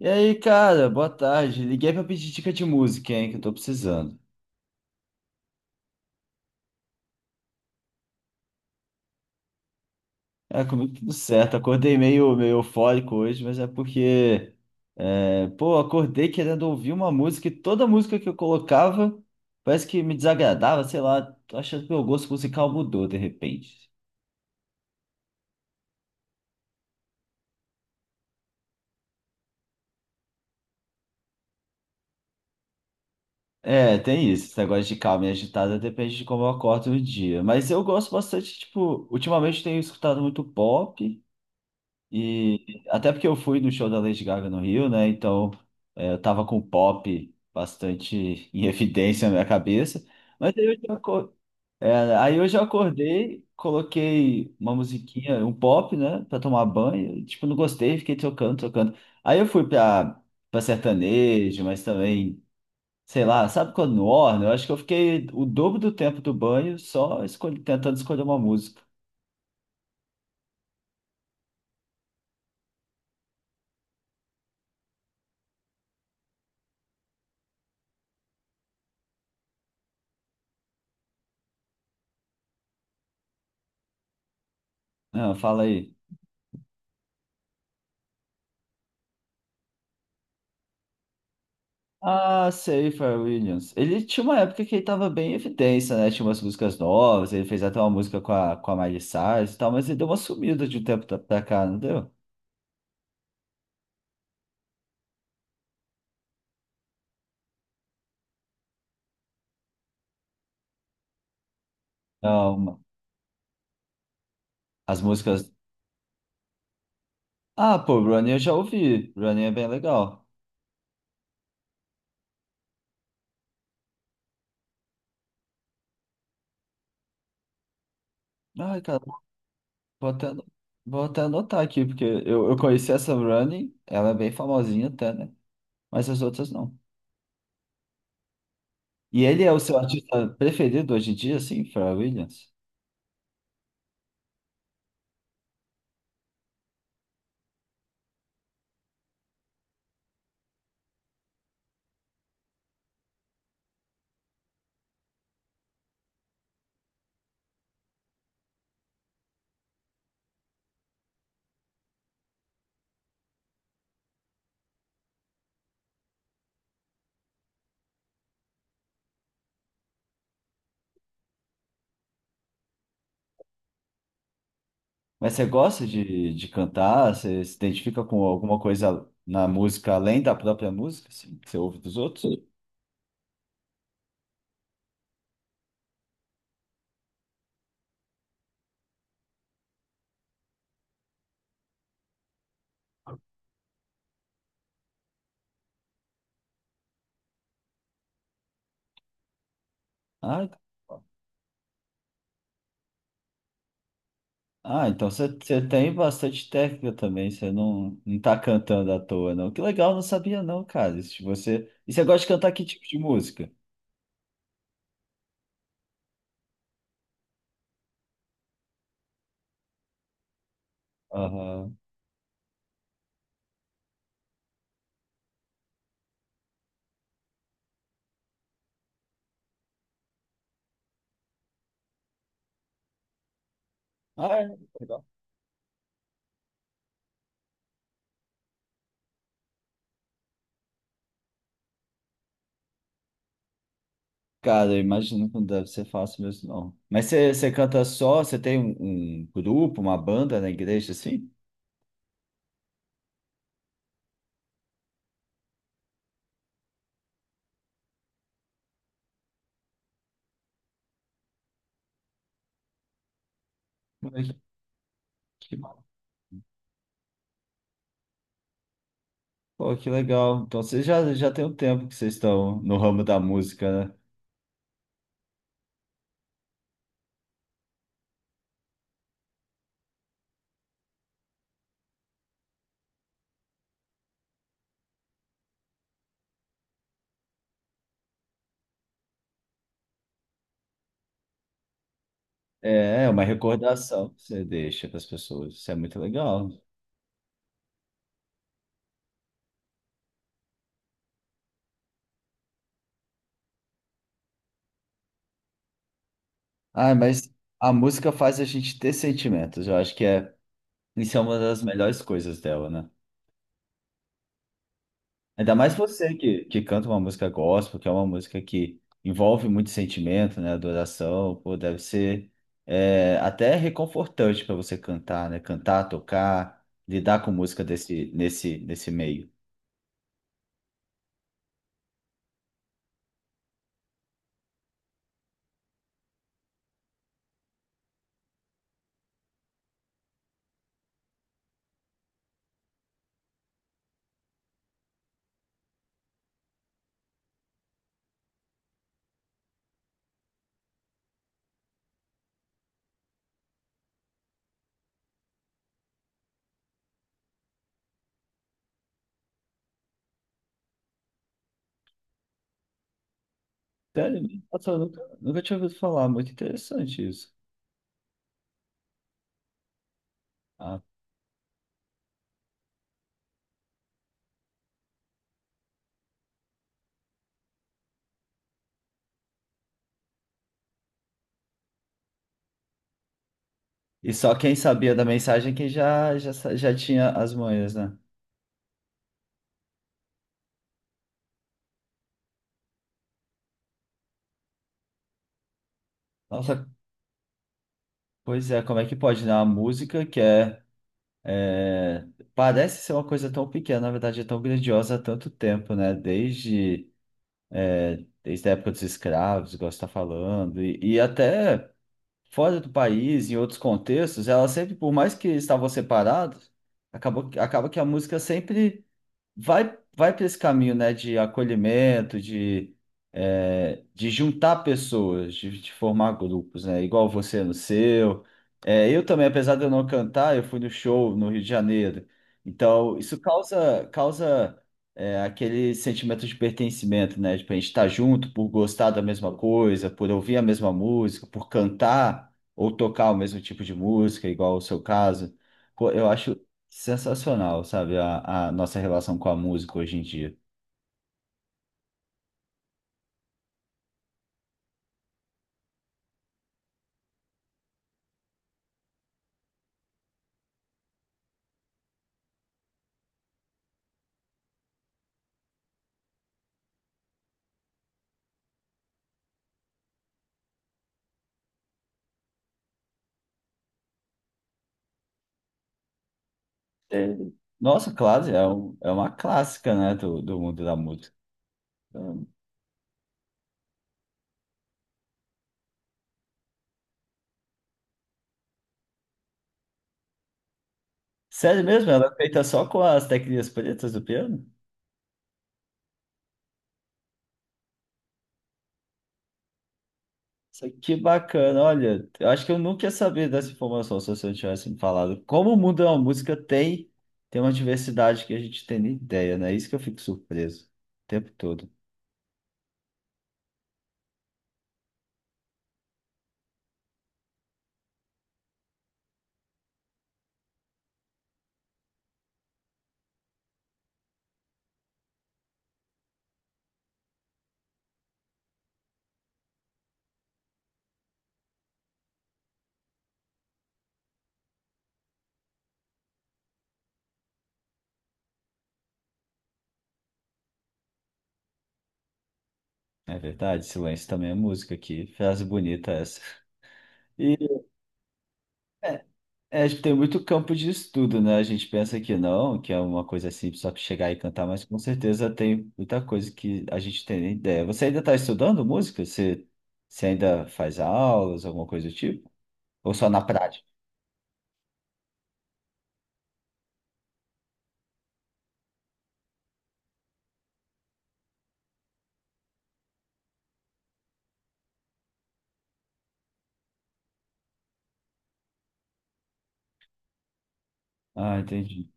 E aí, cara, boa tarde. Liguei pra pedir dica de música, hein, que eu tô precisando. É, comigo tudo certo. Acordei meio eufórico hoje, mas é porque, pô, acordei querendo ouvir uma música e toda música que eu colocava parece que me desagradava, sei lá. Tô achando que meu gosto musical mudou de repente. É, tem isso. Esse negócio de calma e agitada depende de como eu acordo no dia. Mas eu gosto bastante, tipo, ultimamente tenho escutado muito pop. E até porque eu fui no show da Lady Gaga no Rio, né? Então eu tava com o pop bastante em evidência na minha cabeça. Mas aí eu já acordei, coloquei uma musiquinha, um pop, né? Pra tomar banho. E, tipo, não gostei, fiquei trocando, trocando. Aí eu fui pra sertanejo, mas também, sei lá, sabe quando no orna? Eu acho que eu fiquei o dobro do tempo do banho tentando escolher uma música. Ah, fala aí. Ah, sei, Pharrell Williams. Ele tinha uma época que ele tava bem em evidência, né? Tinha umas músicas novas, ele fez até uma música com a Miley Cyrus e tal, mas ele deu uma sumida de um tempo pra cá, não deu? Não. As músicas. Ah, pô, Running eu já ouvi. Running é bem legal. Ai, cara, vou até, ano- vou até anotar aqui, porque eu conheci essa Running, ela é bem famosinha até, né? Mas as outras não. E ele é o seu artista preferido hoje em dia, assim, Pharrell Williams? Mas você gosta de cantar? Você se identifica com alguma coisa na música além da própria música, assim, que você ouve dos outros? Ah, ah, então você tem bastante técnica também, você não tá cantando à toa, não. Que legal, não sabia não, cara. Isso de você... E você gosta de cantar que tipo de música? Aham. Ah, é, legal. Cara, eu imagino que não deve ser fácil mesmo, não. Mas você canta só? Você tem um grupo, uma banda na igreja, assim? Que, pô, que legal. Então vocês já tem um tempo que vocês estão no ramo da música, né? É, é uma recordação que você deixa para as pessoas. Isso é muito legal. Ah, mas a música faz a gente ter sentimentos. Eu acho isso é uma das melhores coisas dela, né? Ainda mais você que canta uma música gospel, que é uma música que envolve muito sentimento, né? Adoração, pô, deve ser até reconfortante para você cantar, né? Cantar, tocar, lidar com música nesse meio. Sério? Nossa, eu nunca tinha ouvido falar. Muito interessante isso. Ah. E só quem sabia da mensagem é quem já tinha as manhas, né? Nossa, pois é, como é que pode, né? A música é, parece ser uma coisa tão pequena, na verdade é tão grandiosa há tanto tempo, né? Desde a época dos escravos, igual você está falando, e até fora do país, em outros contextos, ela sempre, por mais que estavam separados, acaba que a música sempre vai para esse caminho, né, de acolhimento, de juntar pessoas, de formar grupos, né, igual você no seu. É, eu também, apesar de eu não cantar, eu fui no show no Rio de Janeiro. Então, isso aquele sentimento de pertencimento, né, de a gente estar junto por gostar da mesma coisa, por ouvir a mesma música, por cantar ou tocar o mesmo tipo de música, igual o seu caso. Eu acho sensacional, sabe, a nossa relação com a música hoje em dia. É, nossa, é uma clássica, né, do mundo da música. Então, sério mesmo, ela é feita só com as teclinhas pretas do piano? Isso aqui, que bacana, olha, eu acho que eu nunca ia saber dessa informação se você não tivesse me falado. Como o mundo da música tem uma diversidade que a gente tem nem ideia, né? Isso que eu fico surpreso o tempo todo. É verdade, silêncio também é música aqui, frase bonita essa. E é, É, acho que tem muito campo de estudo, né? A gente pensa que não, que é uma coisa simples só chegar e cantar, mas com certeza tem muita coisa que a gente tem nem ideia. Você ainda está estudando música? Você ainda faz aulas, alguma coisa do tipo? Ou só na prática? Ah, entendi.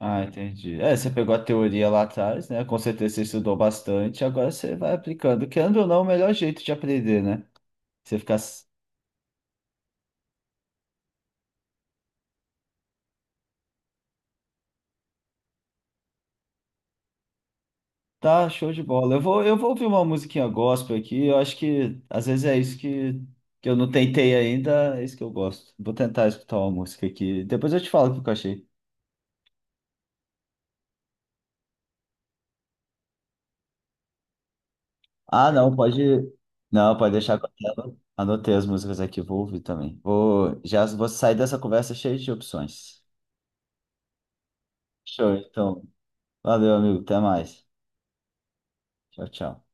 Ah, entendi. É, você pegou a teoria lá atrás, né? Com certeza você estudou bastante, agora você vai aplicando. Querendo ou não, o melhor jeito de aprender, né? Você ficar tá, show de bola. Eu vou ouvir uma musiquinha gospel aqui. Eu acho que às vezes é isso que eu não tentei ainda, é isso que eu gosto. Vou tentar escutar uma música aqui. Depois eu te falo o que eu achei. Ah, não, pode. Não, pode deixar com ela. Anotei as músicas aqui, vou ouvir também. Já vou sair dessa conversa cheia de opções. Show, então. Valeu, amigo. Até mais. Tchau, tchau.